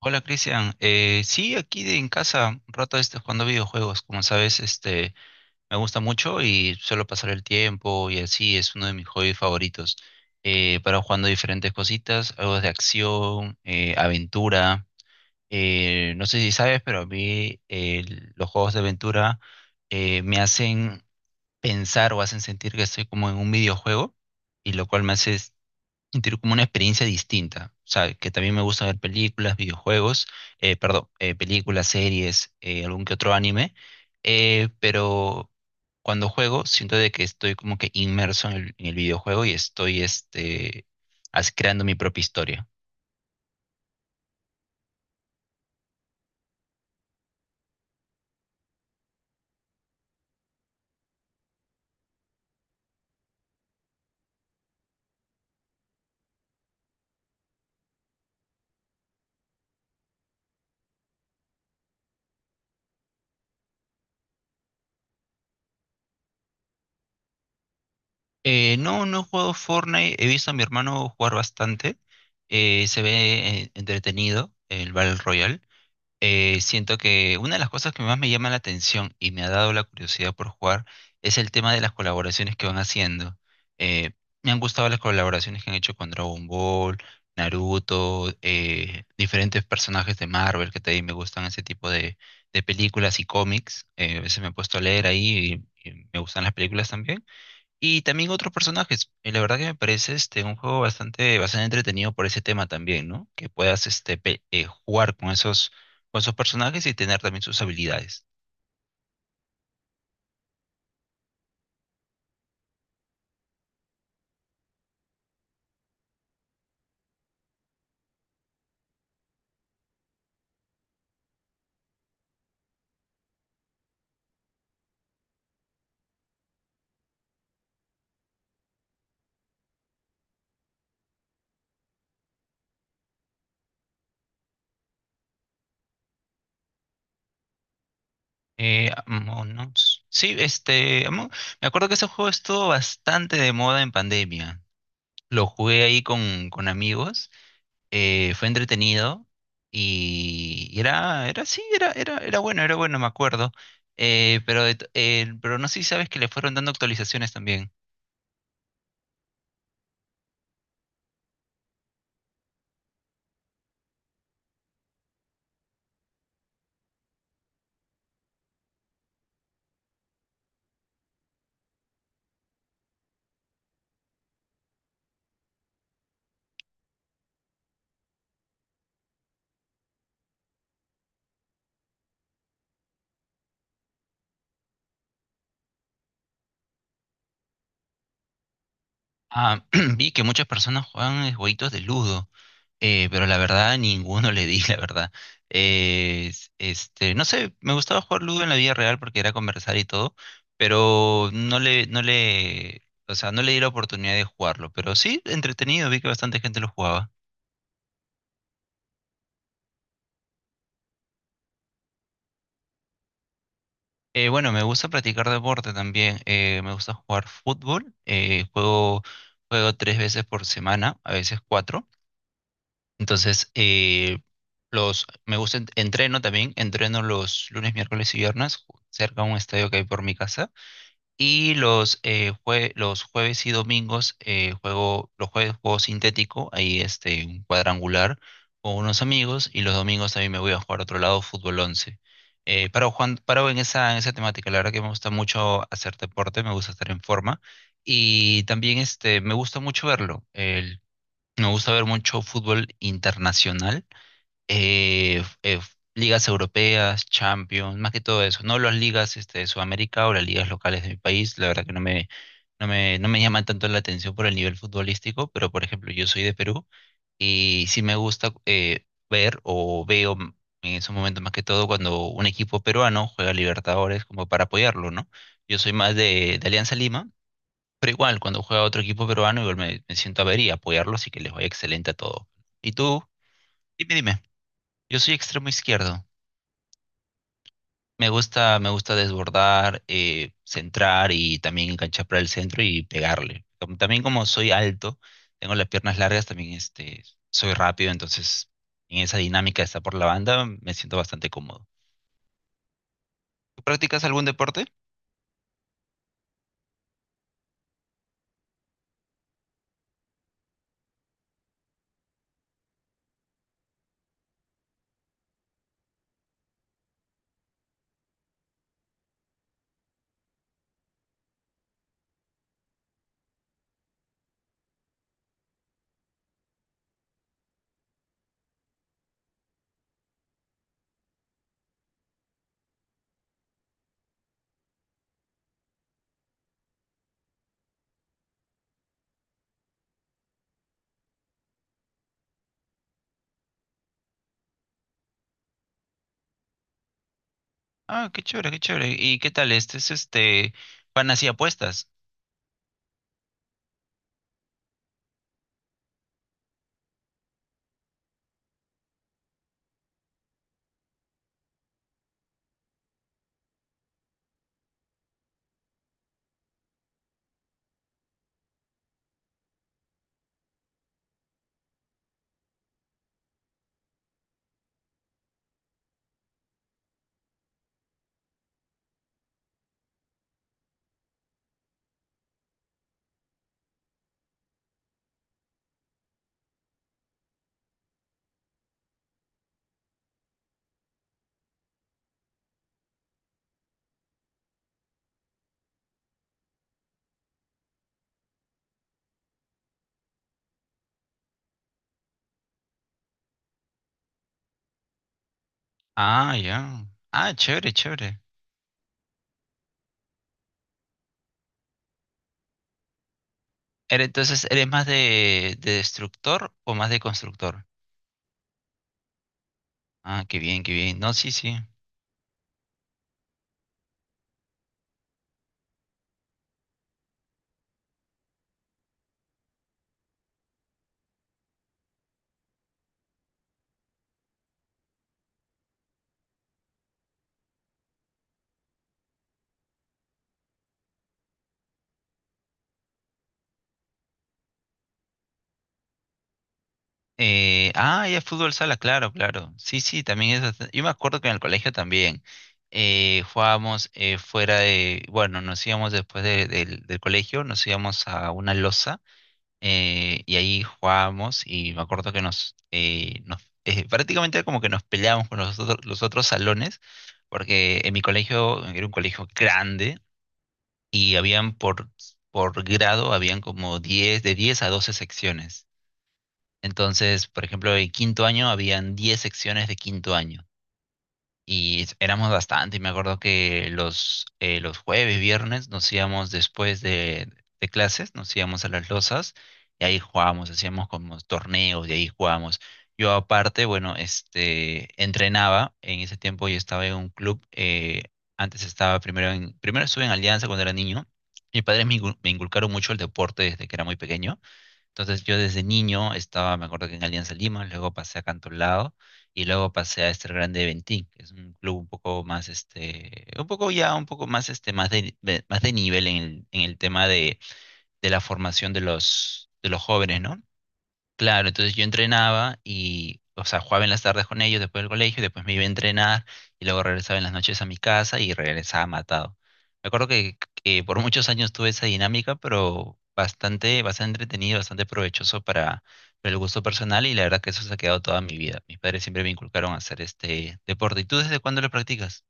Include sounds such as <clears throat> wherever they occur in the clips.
Hola Cristian, sí, aquí en casa, un rato jugando videojuegos, como sabes, me gusta mucho y suelo pasar el tiempo, y así es uno de mis hobbies favoritos. Para jugando diferentes cositas, algo de acción, aventura. No sé si sabes, pero a mí los juegos de aventura me hacen pensar o hacen sentir que estoy como en un videojuego y lo cual me hace y tener como una experiencia distinta. O sea, que también me gusta ver películas, videojuegos, perdón, películas, series, algún que otro anime, pero cuando juego siento de que estoy como que inmerso en el videojuego y estoy creando mi propia historia. No, no he jugado Fortnite, he visto a mi hermano jugar bastante, se ve entretenido el Battle Royale. Siento que una de las cosas que más me llama la atención y me ha dado la curiosidad por jugar es el tema de las colaboraciones que van haciendo. Eh, Me han gustado las colaboraciones que han hecho con Dragon Ball, Naruto, diferentes personajes de Marvel que también me gustan, ese tipo de películas y cómics. A veces me he puesto a leer ahí y me gustan las películas también. Y también otros personajes. Y la verdad que me parece un juego bastante, bastante entretenido por ese tema también, ¿no? Que puedas jugar con esos personajes y tener también sus habilidades. Among Us. Sí, me acuerdo que ese juego estuvo bastante de moda en pandemia. Lo jugué ahí con amigos, fue entretenido y sí, era bueno, era bueno, me acuerdo. Pero no sé si sabes que le fueron dando actualizaciones también. Ah, <clears throat> vi que muchas personas juegan jueguitos de Ludo, pero la verdad <laughs> ninguno le di, <laughs> la verdad. No sé, me gustaba jugar Ludo en la vida real porque era conversar y todo, pero o sea, no le di la oportunidad de jugarlo. Pero sí, entretenido, vi que bastante gente lo jugaba. Bueno, me gusta practicar deporte también. Me gusta jugar fútbol. Juego, tres veces por semana, a veces cuatro. Entonces, me gusta, entreno también, entreno los lunes, miércoles y viernes, cerca de un estadio que hay por mi casa. Y los jueves y domingos juego; los jueves juego sintético, ahí un cuadrangular con unos amigos. Y los domingos también me voy a jugar a otro lado, fútbol once. Paro en esa temática. La verdad que me gusta mucho hacer deporte, me gusta estar en forma. Y también me gusta mucho verlo. Me gusta ver mucho fútbol internacional, eh, eh, ligas europeas, Champions, más que todo eso. No las ligas de Sudamérica o las ligas locales de mi país, la verdad que no me llaman tanto la atención por el nivel futbolístico. Pero por ejemplo, yo soy de Perú y sí me gusta ver en esos momentos, más que todo cuando un equipo peruano juega Libertadores, como para apoyarlo, ¿no? Yo soy más de Alianza Lima, pero igual, cuando juega otro equipo peruano, igual me siento a ver y apoyarlo, así que les voy excelente a todo. ¿Y tú? Dime, dime. Yo soy extremo izquierdo. Me gusta, desbordar, centrar y también enganchar para el centro y pegarle. También, como soy alto, tengo las piernas largas, también soy rápido, entonces en esa dinámica de estar por la banda me siento bastante cómodo. ¿Tú practicas algún deporte? Ah, qué chévere, qué chévere. ¿Y qué tal? ¿Van así apuestas? Ah, ya. Ah, chévere, chévere. Entonces, ¿eres más de destructor o más de constructor? Ah, qué bien, qué bien. No, sí, sí. Ah, ya, fútbol sala, claro, claro. Sí, sí, yo me acuerdo que en el colegio también jugábamos, fuera de. Bueno, nos íbamos del colegio, nos íbamos a una losa, y ahí jugábamos. Y me acuerdo que nos... nos prácticamente como que nos peleábamos con los otros salones, porque en mi colegio era un colegio grande y habían por grado, habían como 10, de 10 a 12 secciones. Entonces, por ejemplo, en quinto año habían 10 secciones de quinto año. Y éramos bastante. Y me acuerdo que los jueves, viernes, nos íbamos de clases, nos íbamos a las losas, y ahí jugábamos, hacíamos como torneos, y ahí jugábamos. Yo aparte, bueno, entrenaba; en ese tiempo yo estaba en un club. Antes estaba primero estuve en Alianza cuando era niño. Mis padres me inculcaron mucho el deporte desde que era muy pequeño, entonces yo desde niño estaba, me acuerdo, que en Alianza Lima, luego pasé a Cantolao y luego pasé a Estel Grande de Ventín, que es un club un poco más, un poco ya, un poco más, más más de nivel en el tema de la formación de de los jóvenes, ¿no? Claro, entonces yo entrenaba y, o sea, jugaba en las tardes con ellos después del colegio; después me iba a entrenar y luego regresaba en las noches a mi casa, y regresaba matado. Me acuerdo que por muchos años tuve esa dinámica, pero bastante, bastante entretenido, bastante provechoso para el gusto personal, y la verdad que eso se ha quedado toda mi vida. Mis padres siempre me inculcaron a hacer este deporte. ¿Y tú desde cuándo lo practicas?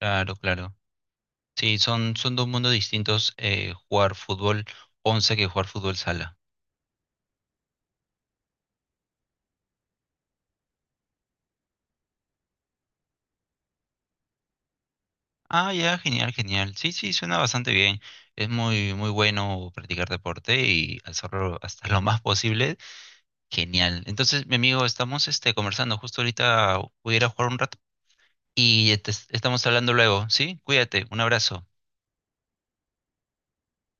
Claro, claro. Sí, son dos mundos distintos, jugar fútbol 11 que jugar fútbol sala. Ah, ya, genial, genial. Sí, sí, suena bastante bien. Es muy, muy bueno practicar deporte y hacerlo hasta lo más posible. Genial. Entonces, mi amigo, estamos conversando. Justo ahorita voy a ir a jugar un rato estamos hablando luego, ¿sí? Cuídate, un abrazo.